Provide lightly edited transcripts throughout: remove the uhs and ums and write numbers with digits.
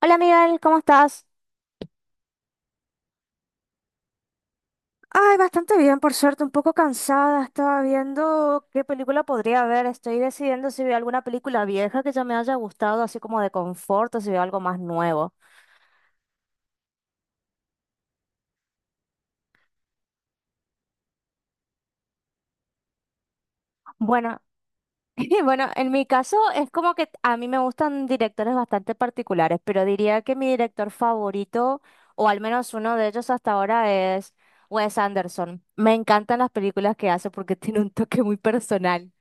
Hola Miguel, ¿cómo estás? Ay, bastante bien, por suerte, un poco cansada. Estaba viendo qué película podría ver. Estoy decidiendo si veo alguna película vieja que ya me haya gustado, así como de confort, o si veo algo más nuevo. Bueno, y bueno, en mi caso es como que a mí me gustan directores bastante particulares, pero diría que mi director favorito, o al menos uno de ellos hasta ahora, es Wes Anderson. Me encantan las películas que hace porque tiene un toque muy personal.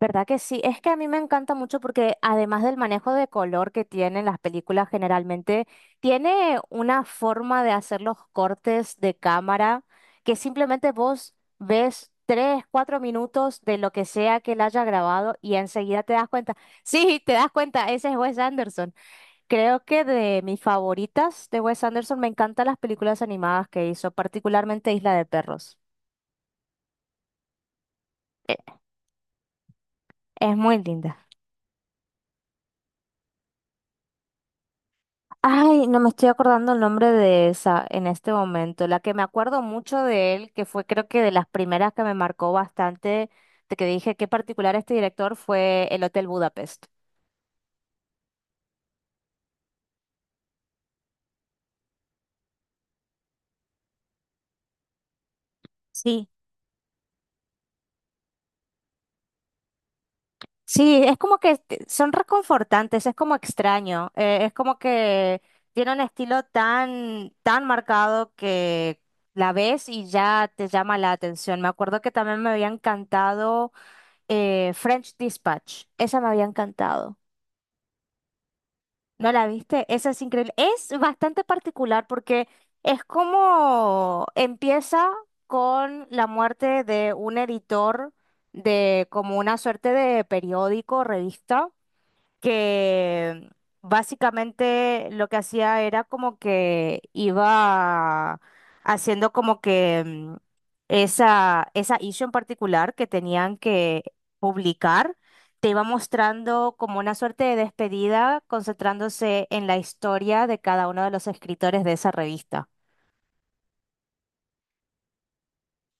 ¿Verdad que sí? Es que a mí me encanta mucho porque además del manejo de color que tienen las películas generalmente, tiene una forma de hacer los cortes de cámara que simplemente vos ves 3, 4 minutos de lo que sea que él haya grabado y enseguida te das cuenta. Sí, te das cuenta, ese es Wes Anderson. Creo que de mis favoritas de Wes Anderson me encantan las películas animadas que hizo, particularmente Isla de Perros. E- Es muy linda. Ay, no me estoy acordando el nombre de esa en este momento. La que me acuerdo mucho de él, que fue creo que de las primeras que me marcó bastante, de que dije qué particular este director, fue El Hotel Budapest. Sí, sí, es como que son reconfortantes, es como extraño, es como que tiene un estilo tan, tan marcado que la ves y ya te llama la atención. Me acuerdo que también me había encantado French Dispatch, esa me había encantado. ¿No la viste? Esa es increíble. Es bastante particular porque es como empieza con la muerte de un editor de como una suerte de periódico, revista que básicamente lo que hacía era como que iba haciendo como que esa issue en particular que tenían que publicar, te iba mostrando como una suerte de despedida, concentrándose en la historia de cada uno de los escritores de esa revista.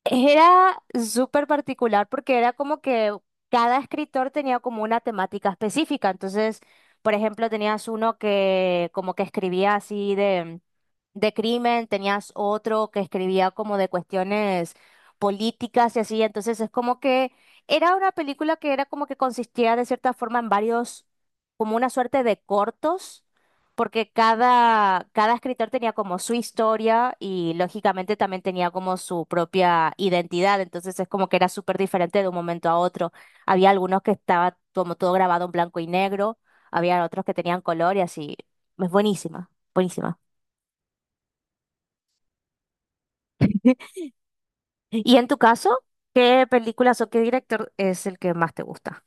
Era súper particular porque era como que cada escritor tenía como una temática específica. Entonces, por ejemplo, tenías uno que como que escribía así de crimen, tenías otro que escribía como de cuestiones políticas y así, entonces es como que era una película que era como que consistía de cierta forma en varios, como una suerte de cortos, porque cada escritor tenía como su historia y lógicamente también tenía como su propia identidad, entonces es como que era súper diferente de un momento a otro. Había algunos que estaba como todo grabado en blanco y negro, había otros que tenían color y así. Es buenísima, buenísima. Y en tu caso, ¿qué películas o qué director es el que más te gusta?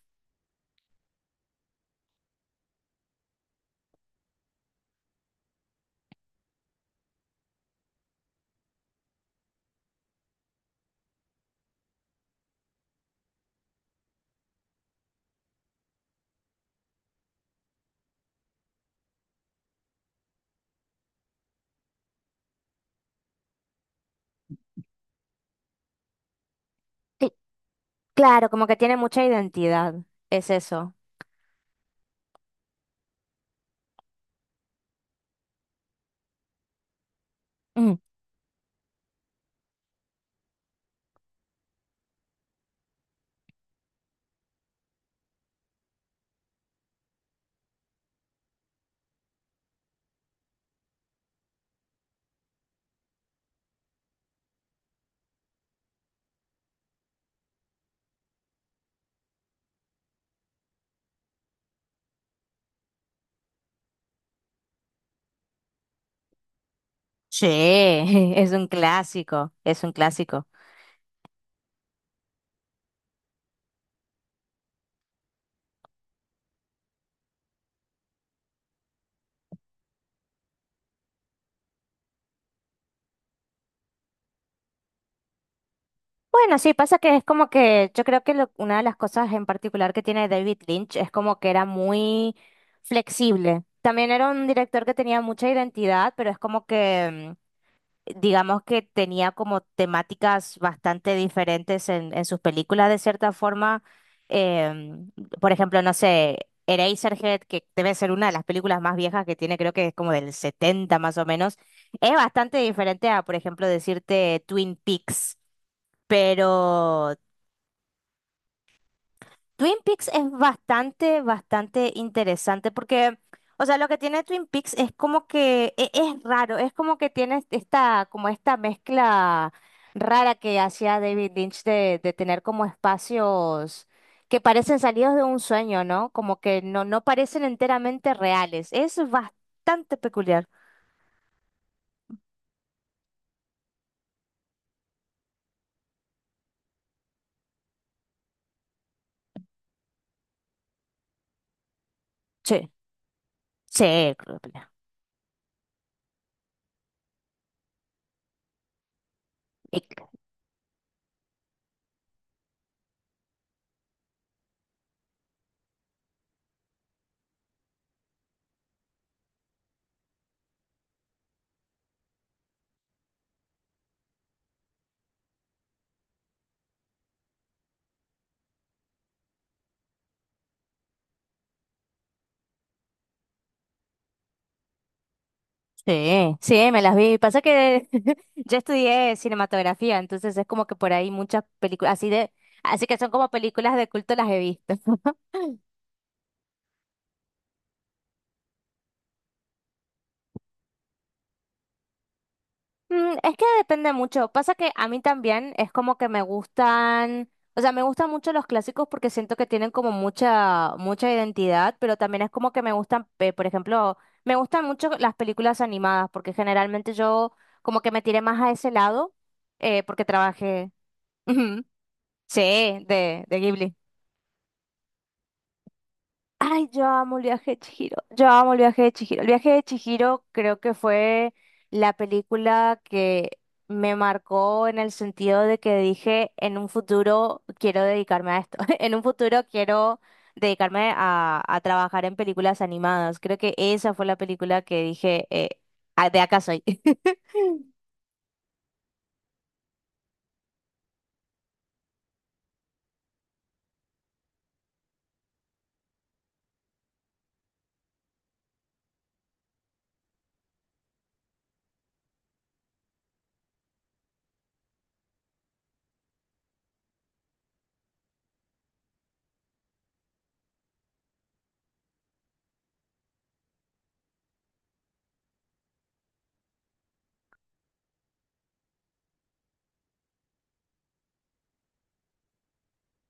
Sí, claro, como que tiene mucha identidad, es eso. Mm. Sí, es un clásico, es un clásico. Bueno, sí, pasa que es como que yo creo que una de las cosas en particular que tiene David Lynch es como que era muy flexible. También era un director que tenía mucha identidad, pero es como que, digamos que tenía como temáticas bastante diferentes en sus películas de cierta forma. Em, por ejemplo, no sé, Eraserhead, que debe ser una de las películas más viejas que tiene, creo que es como del 70 más o menos, es bastante diferente a, por ejemplo, decirte Twin Peaks. Pero Twin Peaks es bastante, bastante interesante porque, o sea, lo que tiene Twin Peaks es como que es, raro, es como que tiene esta, como esta mezcla rara que hacía David Lynch de tener como espacios que parecen salidos de un sueño, ¿no? Como que no, no parecen enteramente reales. Es bastante peculiar. Sí, sí, creo que no. Sí, sí, me las vi. Pasa que yo estudié cinematografía, entonces es como que por ahí muchas películas, así que son como películas de culto las he visto. Mm, es que depende mucho. Pasa que a mí también es como que me gustan, o sea, me gustan mucho los clásicos porque siento que tienen como mucha, mucha identidad, pero también es como que me gustan, por ejemplo, me gustan mucho las películas animadas porque generalmente yo como que me tiré más a ese lado porque trabajé, Ujú. Sí, de Ghibli. Ay, yo amo el viaje de Chihiro. Yo amo el viaje de Chihiro. El viaje de Chihiro creo que fue la película que me marcó en el sentido de que dije, en un futuro quiero dedicarme a esto. En un futuro quiero dedicarme a trabajar en películas animadas. Creo que esa fue la película que dije, "Ah, de acá soy.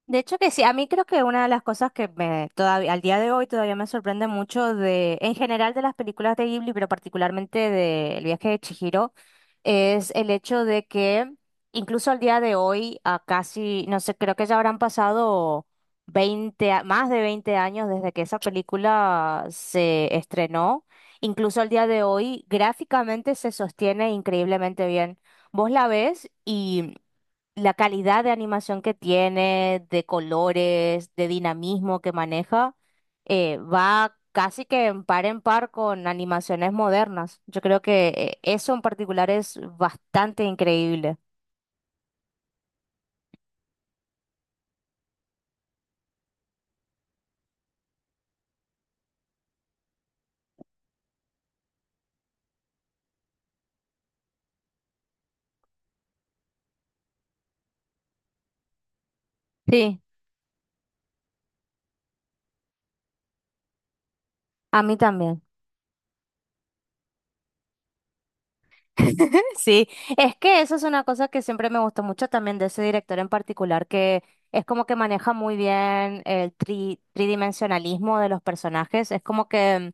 De hecho que sí, a mí creo que una de las cosas que me todavía al día de hoy todavía me sorprende mucho de en general de las películas de Ghibli, pero particularmente de El viaje de Chihiro, es el hecho de que incluso al día de hoy, a casi, no sé, creo que ya habrán pasado más de 20 años desde que esa película se estrenó, incluso al día de hoy gráficamente se sostiene increíblemente bien. Vos la ves y la calidad de animación que tiene, de colores, de dinamismo que maneja, va casi que en par con animaciones modernas. Yo creo que eso en particular es bastante increíble. Sí, a mí también. Sí, es que eso es una cosa que siempre me gustó mucho también de ese director en particular, que es como que maneja muy bien el tridimensionalismo de los personajes, es como que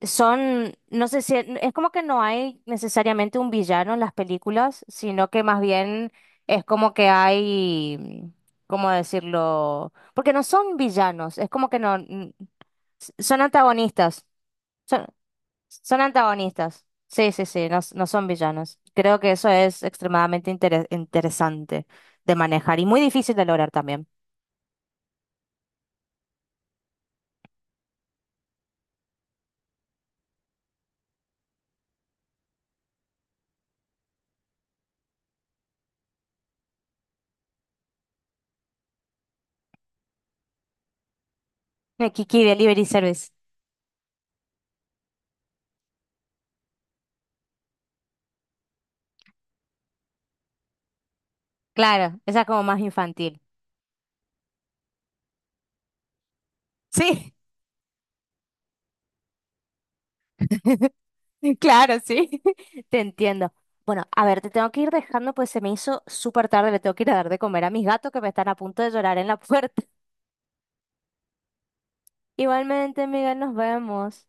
son, no sé si, es como que no hay necesariamente un villano en las películas, sino que más bien es como que hay, ¿cómo decirlo? Porque no son villanos, es como que no, son antagonistas, son, son antagonistas. Sí, sí, sí, no, no son villanos. Creo que eso es extremadamente interesante de manejar y muy difícil de lograr también. Kiki Delivery Service. Claro, esa es como más infantil. Sí. Claro, sí, te entiendo. Bueno, a ver, te tengo que ir dejando, pues se me hizo súper tarde, le tengo que ir a dar de comer a mis gatos que me están a punto de llorar en la puerta. Igualmente, Miguel, nos vemos.